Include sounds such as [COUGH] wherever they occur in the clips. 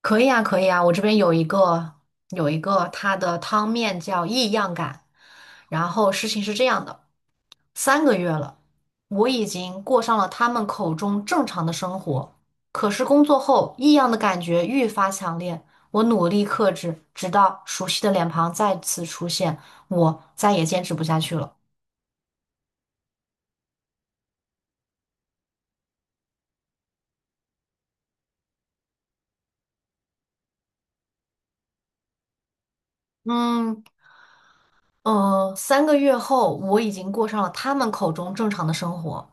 可以啊，可以啊，我这边有一个，它的汤面叫异样感。然后事情是这样的，三个月了，我已经过上了他们口中正常的生活。可是工作后，异样的感觉愈发强烈。我努力克制，直到熟悉的脸庞再次出现，我再也坚持不下去了。嗯三个月后，我已经过上了他们口中正常的生活。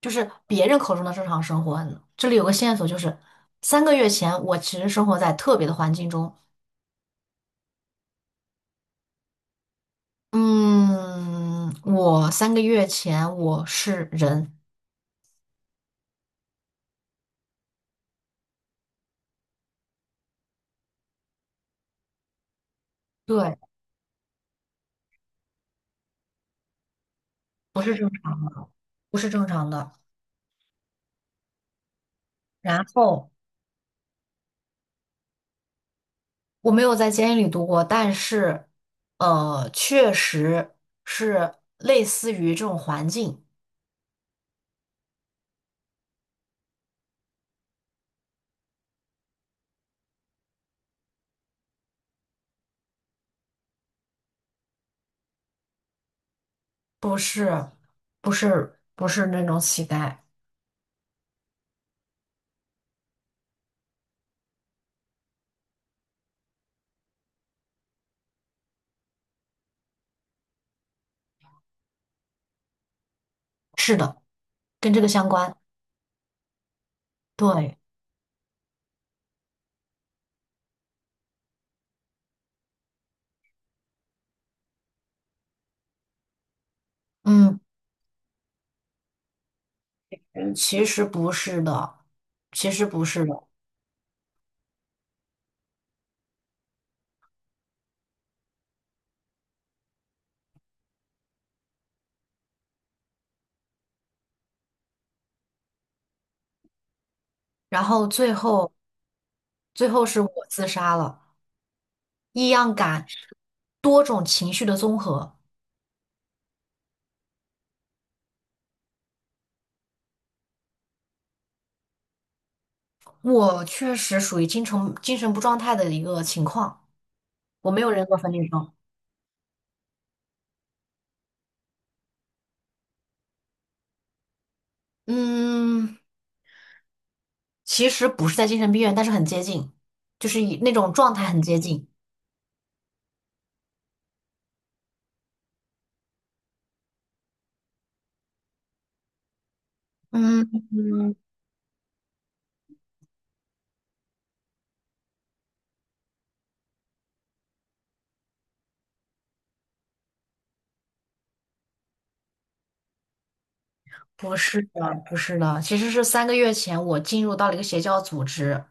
就是别人口中的正常生活。这里有个线索，就是三个月前我其实生活在特别的环境中。嗯，我三个月前我是人，对，不是正常，不是正常的。然后我没有在监狱里度过，但是确实是类似于这种环境，不是，不是，不是那种乞丐。是的，跟这个相关。对，嗯。其实不是的，其实不是的。然后最后是我自杀了。异样感，多种情绪的综合。我确实属于精神不状态的一个情况，我没有人格分裂症。嗯，其实不是在精神病院，但是很接近，就是以那种状态很接近。嗯嗯，不是的，不是的，其实是三个月前我进入到了一个邪教组织，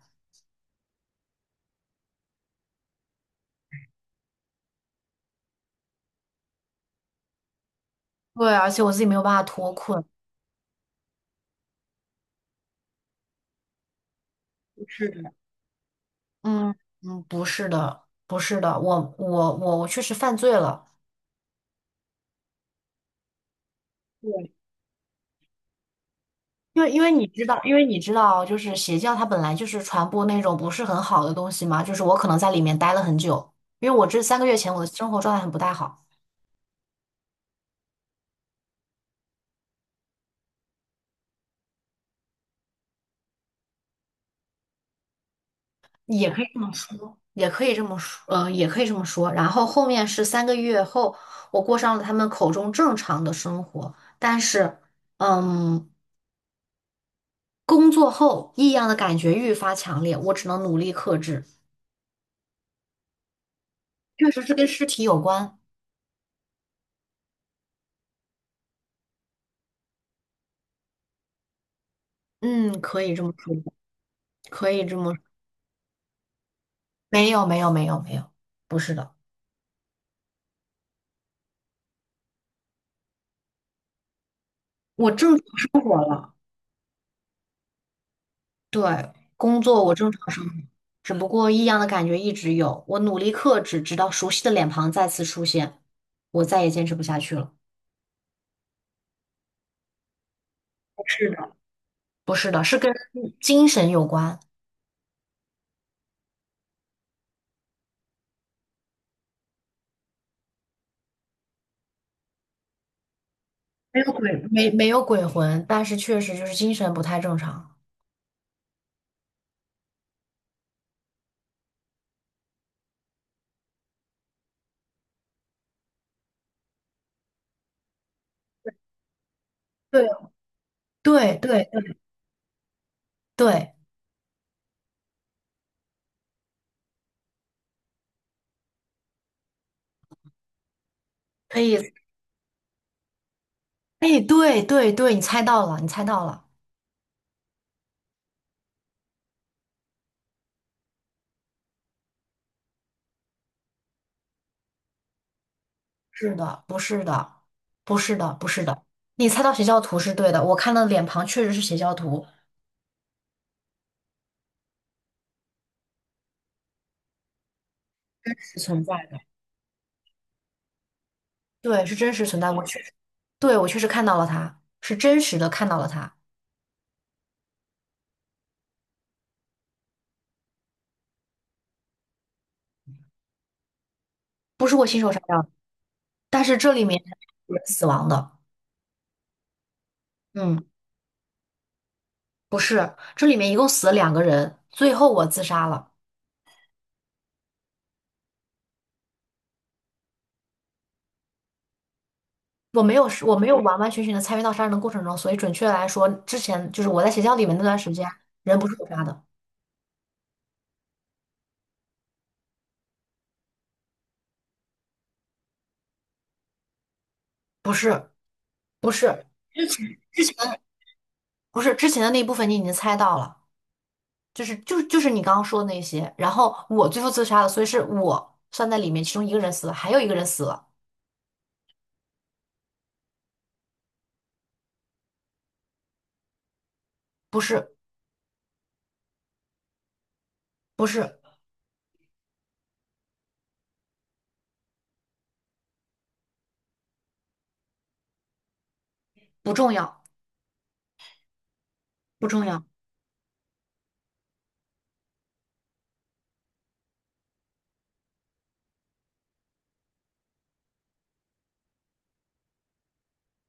对，而且我自己没有办法脱困。是的。嗯不是的，不是的，我确实犯罪了。对，因为你知道，因为你知道，就是邪教它本来就是传播那种不是很好的东西嘛，就是我可能在里面待了很久，因为我这三个月前我的生活状态很不太好，也可以也可以这么说，也可以这么说。然后后面是三个月后，我过上了他们口中正常的生活，但是，嗯，工作后异样的感觉愈发强烈，我只能努力克制，确实是跟尸体有关。嗯，可以这么说，可以这么说。没有，没有，没有，没有，不是的。我正，对，工作我正常生活，只不过异样的感觉一直有。我努力克制，直到熟悉的脸庞再次出现，我再也坚持不下去了。是的，不是的，是跟精神有关，没有鬼，没有鬼魂，但是确实就是精神不太正常。对，对对对，可以，哎，对对对，你猜到了，你猜到了。是的，不是的，不是的，不是的。你猜到邪教徒是对的，我看到脸庞确实是邪教徒，是存在的。对，是真实存在。过。确实，对，我确实看到了他，是真实的看到了他，不是我亲手杀掉的。但是这里面有人死亡的，嗯，不是，这里面一共死了两个人，最后我自杀了。我没有，我没有完完全全的参与到杀人的过程中，所以准确来说，之前就是我在邪教里面那段时间，人不是我杀的，不是，不是，之前之前不是之前的那一部分你已经猜到了，就是你刚刚说的那些，然后我最后自杀了，所以是我算在里面，其中一个人死了，还有一个人死了，不是不是不重要不重要，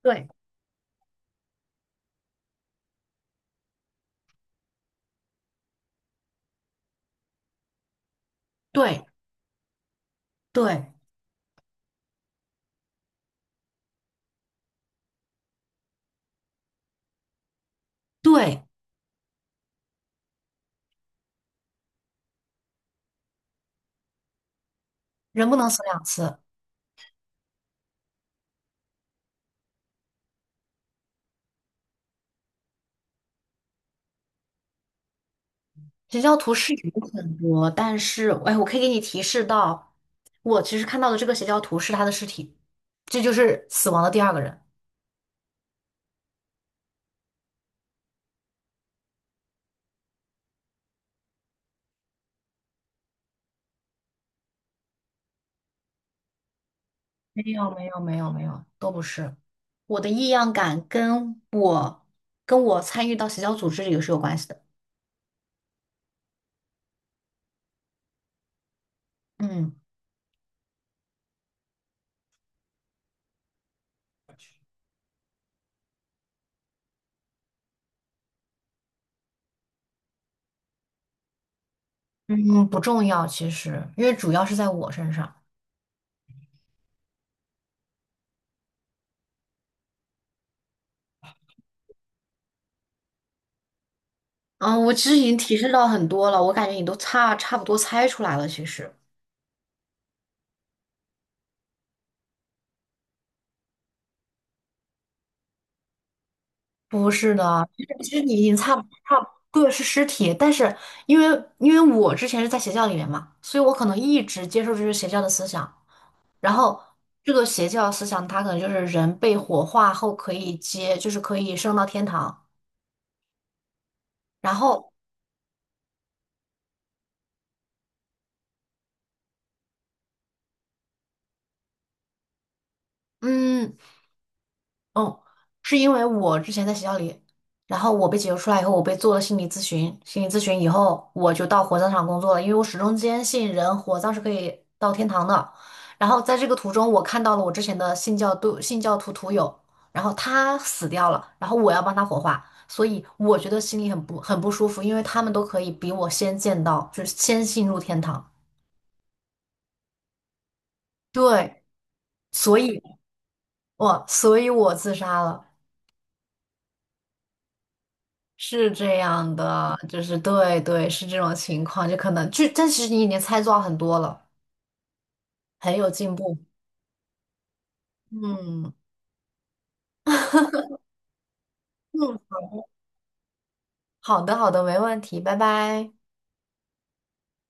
对对对对，人不能死两次。邪教徒是有很多，但是哎，我可以给你提示到，我其实看到的这个邪教徒是他的尸体，这就是死亡的第二个人。没有没有没有没有，都不是。我的异样感跟我参与到邪教组织里是有关系的。嗯嗯，不重要其实，因为主要是在我身上。嗯，我其实已经提示到很多了，我感觉你都差不多猜出来了。其实不是的，其实你已经差不对是尸体，但是因为因为我之前是在邪教里面嘛，所以我可能一直接受这些邪教的思想。然后这个邪教思想，它可能就是人被火化后可以接，就是可以升到天堂。然后，嗯，嗯，是因为我之前在学校里，然后我被解救出来以后，我被做了心理咨询。心理咨询以后，我就到火葬场工作了，因为我始终坚信人火葬是可以到天堂的。然后在这个途中，我看到了我之前的信教徒友，然后他死掉了，然后我要帮他火化，所以我觉得心里很不舒服，因为他们都可以比我先见到，就是先进入天堂。对，所以所以我自杀了。是这样的，就是对对，是这种情况，就可能就，但其实你已经猜到很多了，很有进步。嗯 [LAUGHS] 嗯，好的好的，没问题，拜拜。